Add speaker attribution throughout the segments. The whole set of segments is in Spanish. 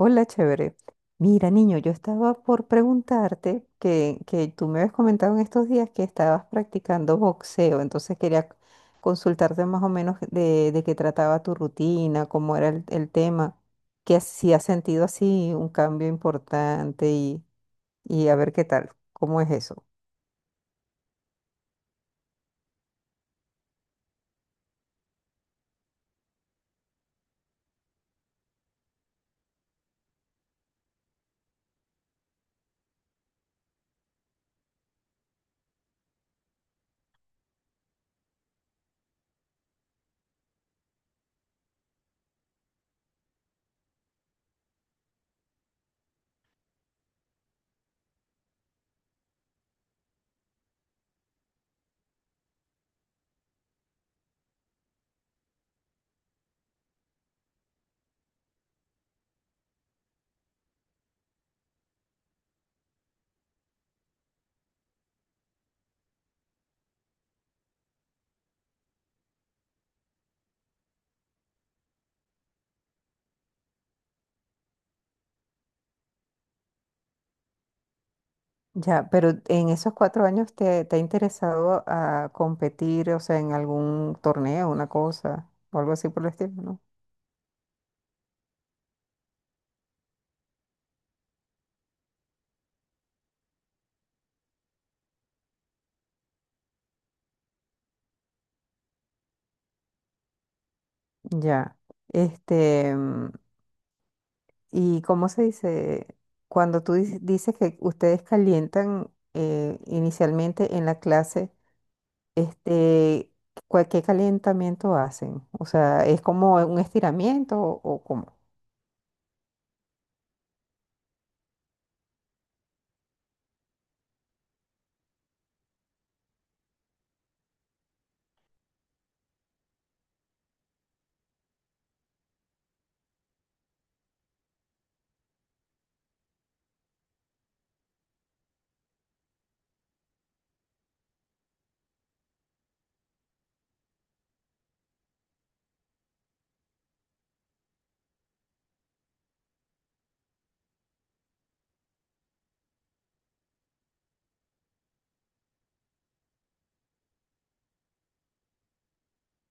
Speaker 1: Hola, chévere. Mira, niño, yo estaba por preguntarte que tú me habías comentado en estos días que estabas practicando boxeo, entonces quería consultarte más o menos de qué trataba tu rutina, cómo era el tema, que si has sentido así un cambio importante y a ver qué tal, cómo es eso. Ya, pero en esos 4 años te ha interesado a competir, o sea, en algún torneo, una cosa, o algo así por el estilo, ¿no? Ya, este, y ¿cómo se dice? Cuando tú dices que ustedes calientan inicialmente en la clase, este, ¿qué calentamiento hacen? O sea, ¿es como un estiramiento o cómo?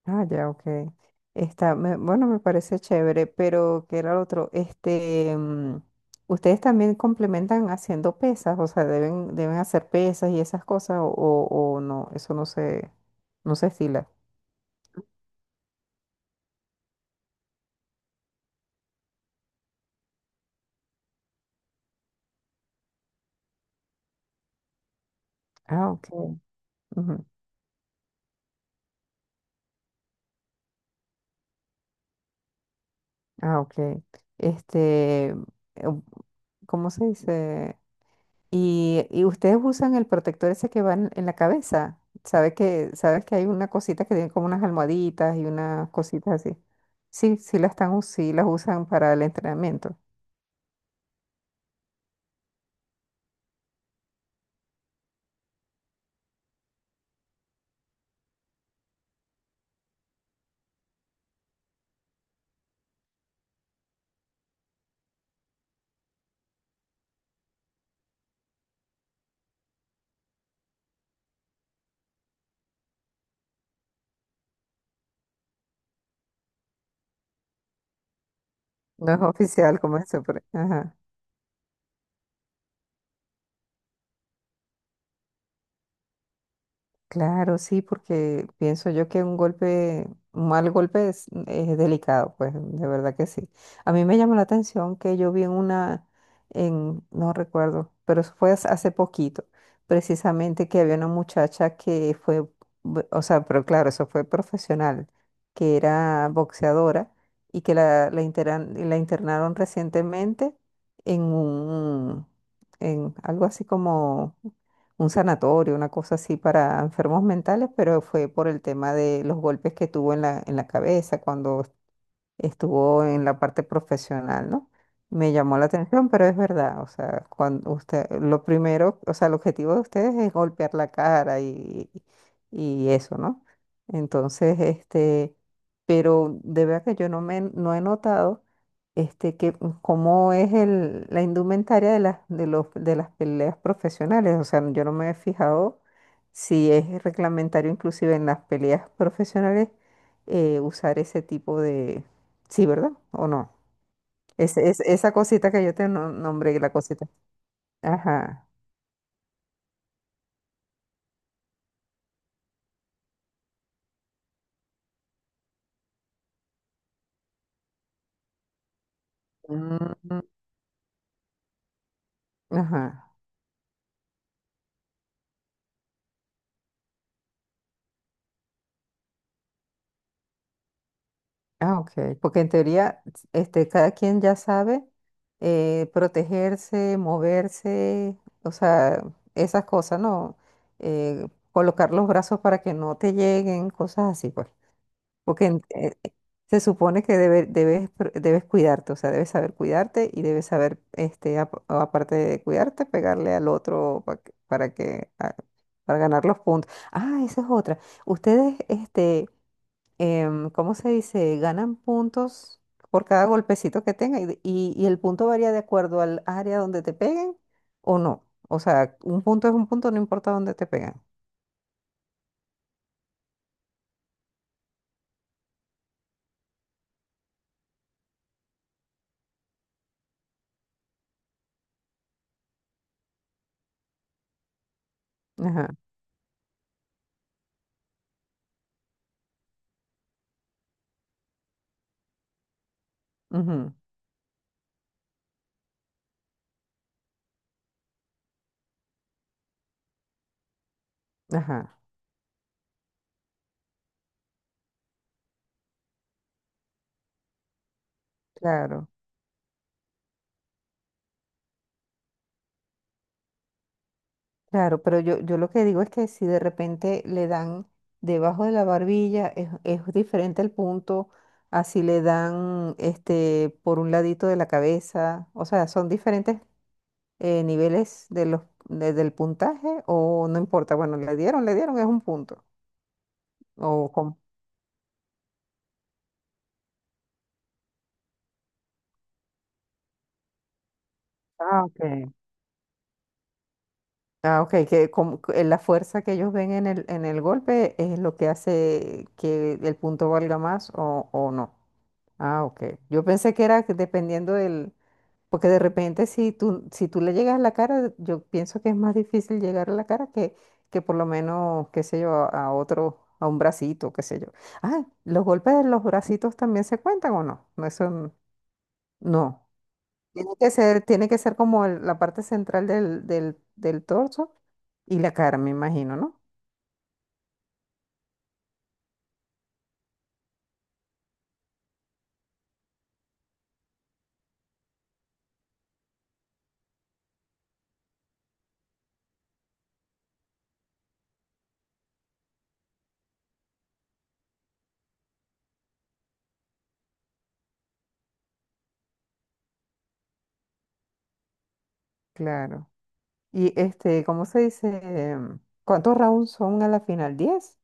Speaker 1: Ah, ya, ok. Bueno, me parece chévere, pero ¿qué era lo otro? Este, ustedes también complementan haciendo pesas, o sea, deben hacer pesas y esas cosas, o no, eso no se, no se estila. Ah, ok. Ujú. Ah, ok. Este, em, ¿cómo se dice? Y ustedes usan el protector ese que va en la cabeza. ¿Sabes que hay una cosita que tiene como unas almohaditas y unas cositas así? Sí, sí las usan para el entrenamiento. No es oficial como eso, pero, ajá. Claro, sí, porque pienso yo que un mal golpe es delicado, pues de verdad que sí. A mí me llamó la atención que yo vi en, no recuerdo, pero eso fue hace poquito, precisamente que había una muchacha que o sea, pero claro, eso fue profesional, que era boxeadora y que la internaron recientemente en un, en algo así como un sanatorio, una cosa así para enfermos mentales, pero fue por el tema de los golpes que tuvo en la cabeza cuando estuvo en la parte profesional, ¿no? Me llamó la atención, pero es verdad, o sea, cuando usted, lo primero, o sea, el objetivo de ustedes es golpear la cara y eso, ¿no? Entonces, este, pero de verdad que yo no he notado este que, cómo es la indumentaria de las peleas profesionales. O sea, yo no me he fijado si es reglamentario inclusive en las peleas profesionales usar ese tipo de... Sí, ¿verdad? ¿O no? Esa cosita que yo te no- nombré, la cosita. Ajá. Mm, ajá. Ah, ok. Porque en teoría, este, cada quien ya sabe protegerse, moverse, o sea, esas cosas, ¿no? Colocar los brazos para que no te lleguen, cosas así, pues. Porque en- eh, se supone que debes, debes cuidarte, o sea, debes saber cuidarte y debes saber, este, aparte de cuidarte, pegarle al otro para para ganar los puntos. Ah, esa es otra. Ustedes, este, ¿cómo se dice? Ganan puntos por cada golpecito que tenga y el punto varía de acuerdo al área donde te peguen o no. O sea, un punto es un punto, no importa dónde te pegan. Ajá. Ujú. Ajá. Claro. Claro, pero yo lo que digo es que si de repente le dan debajo de la barbilla, es diferente el punto así le dan este por un ladito de la cabeza, o sea, son diferentes niveles del puntaje, ¿o no importa? Bueno, le dieron, es un punto. O con Ah, ok. Ah, ok, que como que la fuerza que ellos ven en el golpe es lo que hace que el punto valga más o no. Ah, ok. Yo pensé que era que dependiendo del, porque de repente si tú le llegas a la cara, yo pienso que es más difícil llegar a la cara que por lo menos, qué sé yo, a otro, a un bracito, qué sé yo. Ah, ¿los golpes de los bracitos también se cuentan o no? No, no. Tiene que ser como la parte central del torso y la cara, me imagino, ¿no? Claro. Y este, ¿cómo se dice? Em, ¿Cuántos rounds son a la final? 10.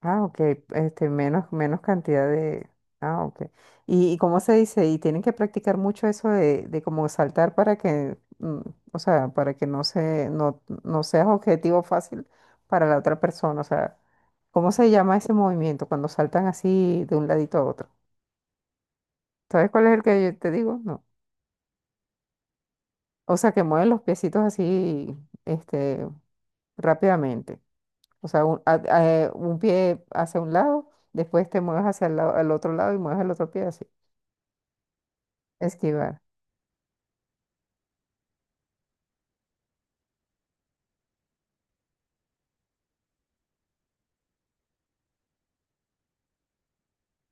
Speaker 1: Ah, ok, este, menos cantidad de... Ah, ok. ¿Y cómo se dice? Y tienen que practicar mucho eso de como saltar para o sea, para que no se, no, no seas objetivo fácil para la otra persona. O sea, ¿cómo se llama ese movimiento cuando saltan así de un ladito a otro? ¿Sabes cuál es el que yo te digo? No. O sea, que mueven los piecitos así, este, rápidamente. O sea, un pie hacia un lado, después te mueves hacia el lado, al otro lado y mueves el otro pie así. Esquivar,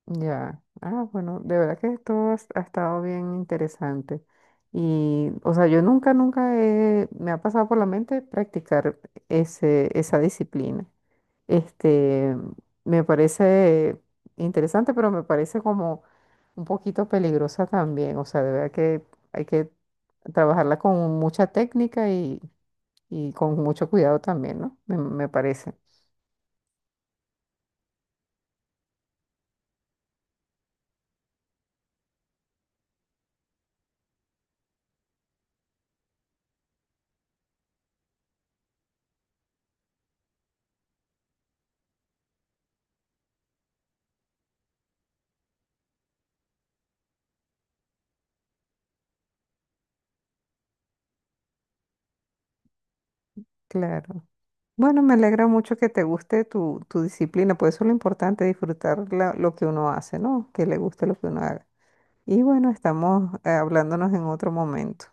Speaker 1: ya. Ah, bueno, de verdad que esto ha estado bien interesante. Y, o sea, yo nunca, nunca he- me ha pasado por la mente practicar esa disciplina. Este, me parece interesante, pero me parece como un poquito peligrosa también. O sea, de verdad que hay que trabajarla con mucha técnica y con mucho cuidado también, ¿no? Me parece. Claro. Bueno, me alegra mucho que te guste tu disciplina, pues eso es lo importante, disfrutar lo que uno hace, ¿no? Que le guste lo que uno haga. Y bueno, estamos hablándonos en otro momento.